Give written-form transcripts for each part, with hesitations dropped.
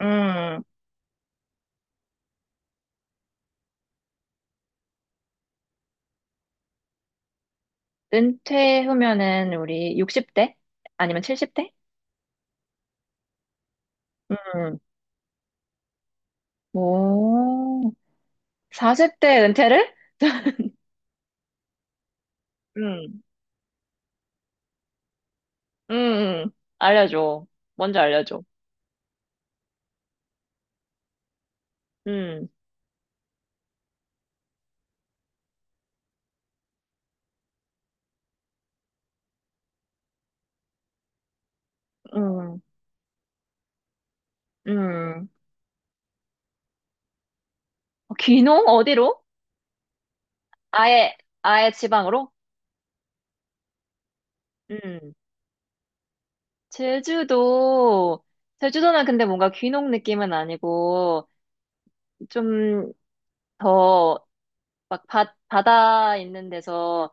음, 은퇴 후면은 우리 60대? 아니면 70대? 음, 오, 40대 은퇴를? 음, 음, 음. 알려줘. 먼저 알려줘. 음, 음, 음. 귀농? 어디로? 아예, 아예 지방으로? 음. 제주도, 제주도는 근데 뭔가 귀농 느낌은 아니고, 좀 더, 막 바다 있는 데서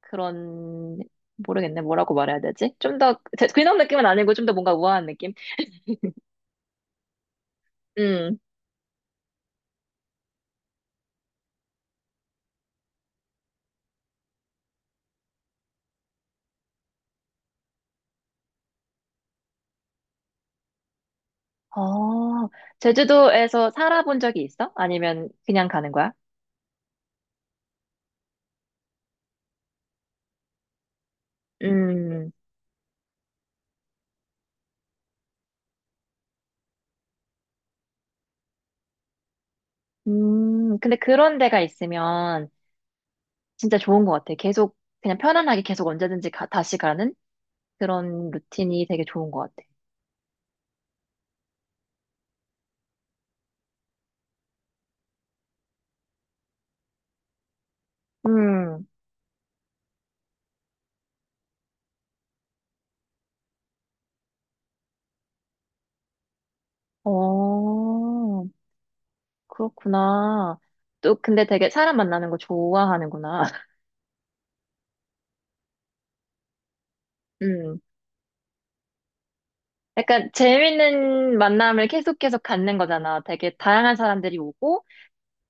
그런 모르겠네. 뭐라고 말해야 되지? 좀 더 그냥 느낌은 아니고 좀 더 뭔가 우아한 느낌? 음. 어, 제주도에서 살아본 적이 있어? 아니면 그냥 가는 거야? 음. 음. 근데 그런 데가 있으면 진짜 좋은 것 같아. 계속 그냥 편안하게 계속 언제든지 다시 가는 그런 루틴이 되게 좋은 것 같아. 음. 어, 그렇구나. 또 근데 되게 사람 만나는 거 좋아하는구나. 음. 약간 재밌는 만남을 계속 계속 갖는 거잖아. 되게 다양한 사람들이 오고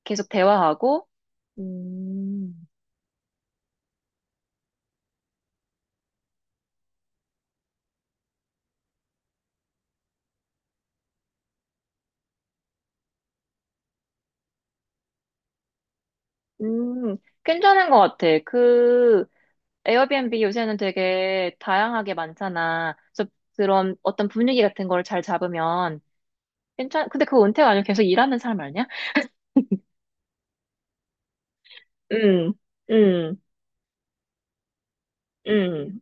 계속 대화하고 음, 음, 괜찮은 것 같아. 그, 에어비앤비 요새는 되게 다양하게 많잖아. 그래서 그런 어떤 분위기 같은 걸 잘 잡으면 근데 그거 은퇴가 아니고 계속 일하는 사람 아니야? 음, 음, 음.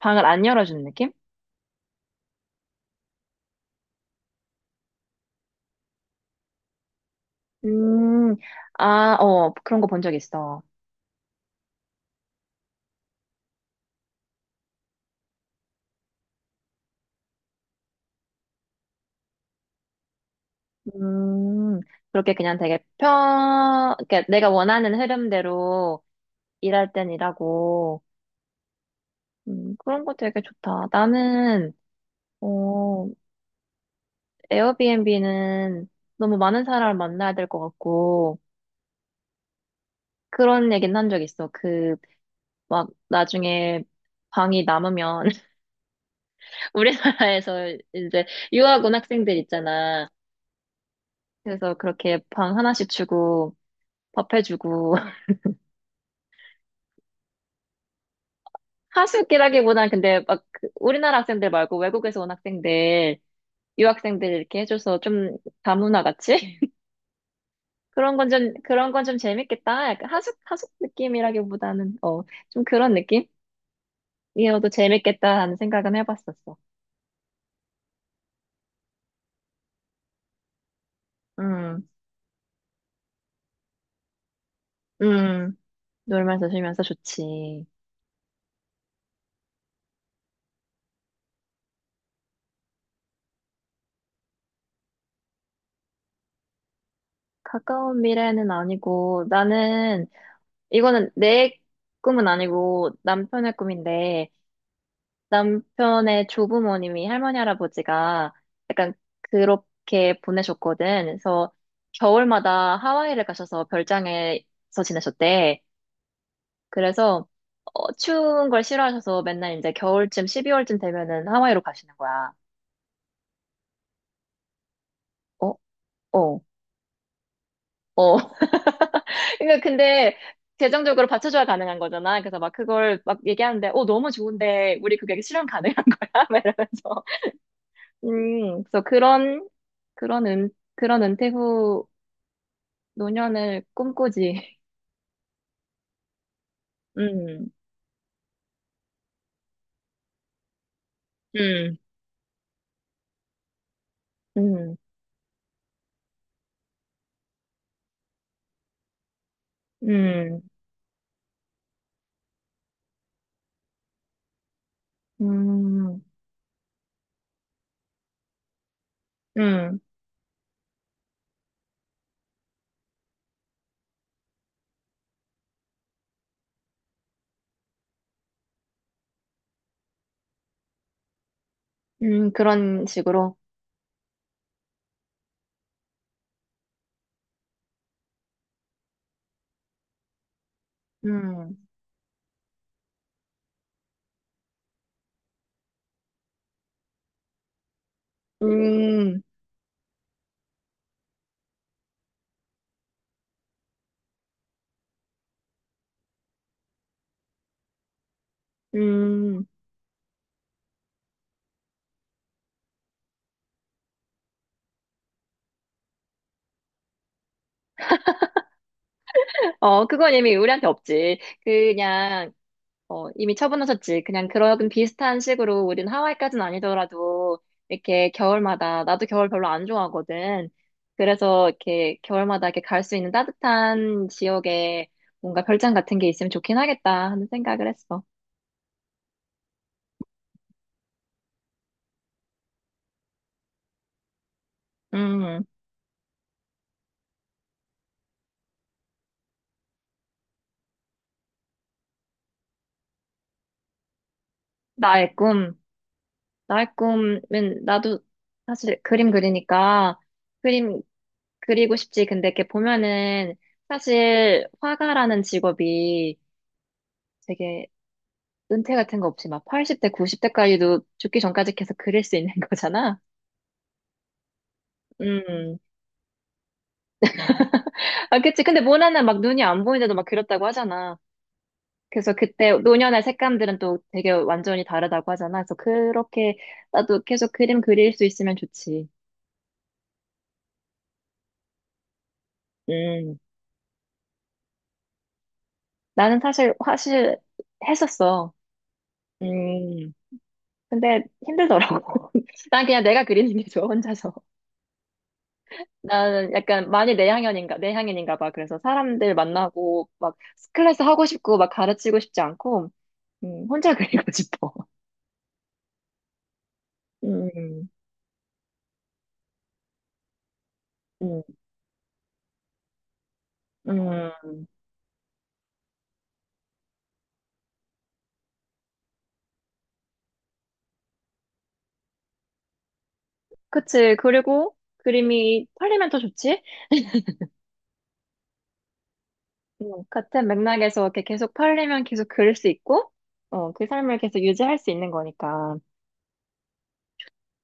방을 안 열어주는 느낌? 음, 그런 거 본 적 있어. 음, 그렇게 그냥 되게. 그러니까 내가 원하는 흐름대로 일할 땐 일하고, 그런 거 되게 좋다. 나는, 어, 에어비앤비는 너무 많은 사람을 만나야 될 것 같고, 그런 얘기는 한 적 있어. 그, 막, 나중에 방이 남으면, 우리나라에서 이제 유학 온 학생들 있잖아. 그래서 그렇게 방 하나씩 주고, 밥 해주고, 하숙이라기보다는 근데 막 우리나라 학생들 말고 외국에서 온 학생들, 유학생들 이렇게 해줘서 좀 다문화 같이? 그런 건 좀 재밌겠다. 약간 하숙 느낌이라기보다는, 좀 그런 느낌이어도 재밌겠다 하는 생각은 해봤었어. 음, 음, 놀면서 쉬면서 좋지. 가까운 미래는 아니고, 나는, 이거는 내 꿈은 아니고 남편의 꿈인데, 남편의 조부모님이 할머니 할아버지가 약간 그렇게 보내셨거든. 그래서 겨울마다 하와이를 가셔서 별장에서 지내셨대. 그래서 추운 걸 싫어하셔서 맨날 이제 겨울쯤 12월쯤 되면은 하와이로 가시는 거야. 어, 어, 어. 그러니까 근데 재정적으로 받쳐줘야 가능한 거잖아. 그래서 막 그걸 막 얘기하는데, 너무 좋은데 우리 그게 실현 가능한 거야? 막 이러면서. 그래서 그런 은 그런 은퇴 후 노년을 꿈꾸지. 음, 음, 음, 음, 음, 음, 음. 그런 식으로. 음, 음, 음. 그건 이미 우리한테 없지. 그냥, 이미 처분하셨지. 그냥 그런 비슷한 식으로 우린 하와이까지는 아니더라도 이렇게 겨울마다, 나도 겨울 별로 안 좋아하거든. 그래서 이렇게 겨울마다 이렇게 갈 수 있는 따뜻한 지역에 뭔가 별장 같은 게 있으면 좋긴 하겠다 하는 생각을 했어. 나의 꿈. 나의 꿈은 나도 사실 그림 그리니까 그림 그리고 싶지. 근데 이렇게 보면은 사실 화가라는 직업이 되게 은퇴 같은 거 없이 막 80대, 90대까지도 죽기 전까지 계속 그릴 수 있는 거잖아. 음. 아, 그치. 근데 모나는 막 눈이 안 보이는데도 막 그렸다고 하잖아. 그래서 그때 노년의 색감들은 또 되게 완전히 다르다고 하잖아. 그래서 그렇게 나도 계속 그림 그릴 수 있으면 좋지. 음. 나는 사실 했었어. 음, 근데 힘들더라고. 난 그냥 내가 그리는 게 좋아, 혼자서. 나는 약간 많이 내향형인가, 내향인인가 봐. 그래서 사람들 만나고, 막, 클래스 하고 싶고, 막 가르치고 싶지 않고, 혼자 그리고 싶어. 음, 음, 음, 그치. 그리고 그림이 팔리면 더 좋지? 같은 맥락에서 이렇게 계속 팔리면 계속 그릴 수 있고, 그 삶을 계속 유지할 수 있는 거니까.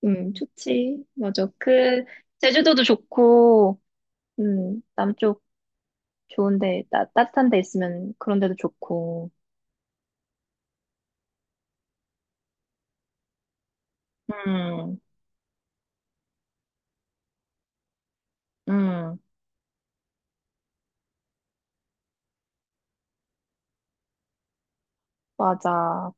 좋지. 맞아. 그, 제주도도 좋고, 남쪽 좋은데, 따뜻한 데 있으면 그런 데도 좋고. 음, 음, 맞아.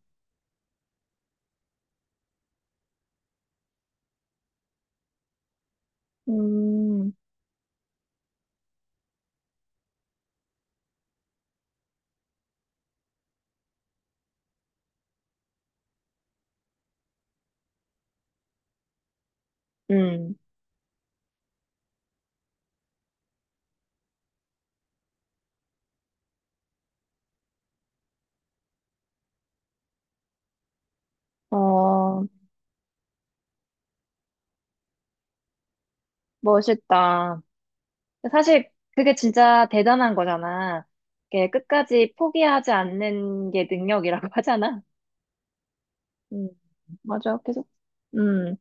음, 음, 어, 멋있다. 사실 그게 진짜 대단한 거잖아. 이게 끝까지 포기하지 않는 게 능력이라고 하잖아. 음, 맞아. 계속. 음.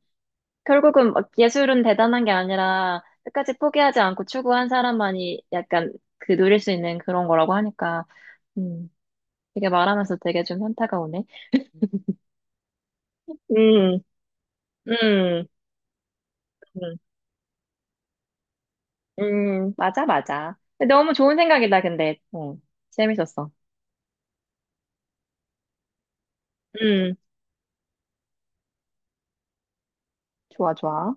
결국은 막 예술은 대단한 게 아니라 끝까지 포기하지 않고 추구한 사람만이 약간 그 누릴 수 있는 그런 거라고 하니까, 음, 되게 말하면서 되게 좀 현타가 오네. 음, 음, 음, 맞아, 맞아. 너무 좋은 생각이다, 근데. 재밌었어. 음, 좋아, 좋아.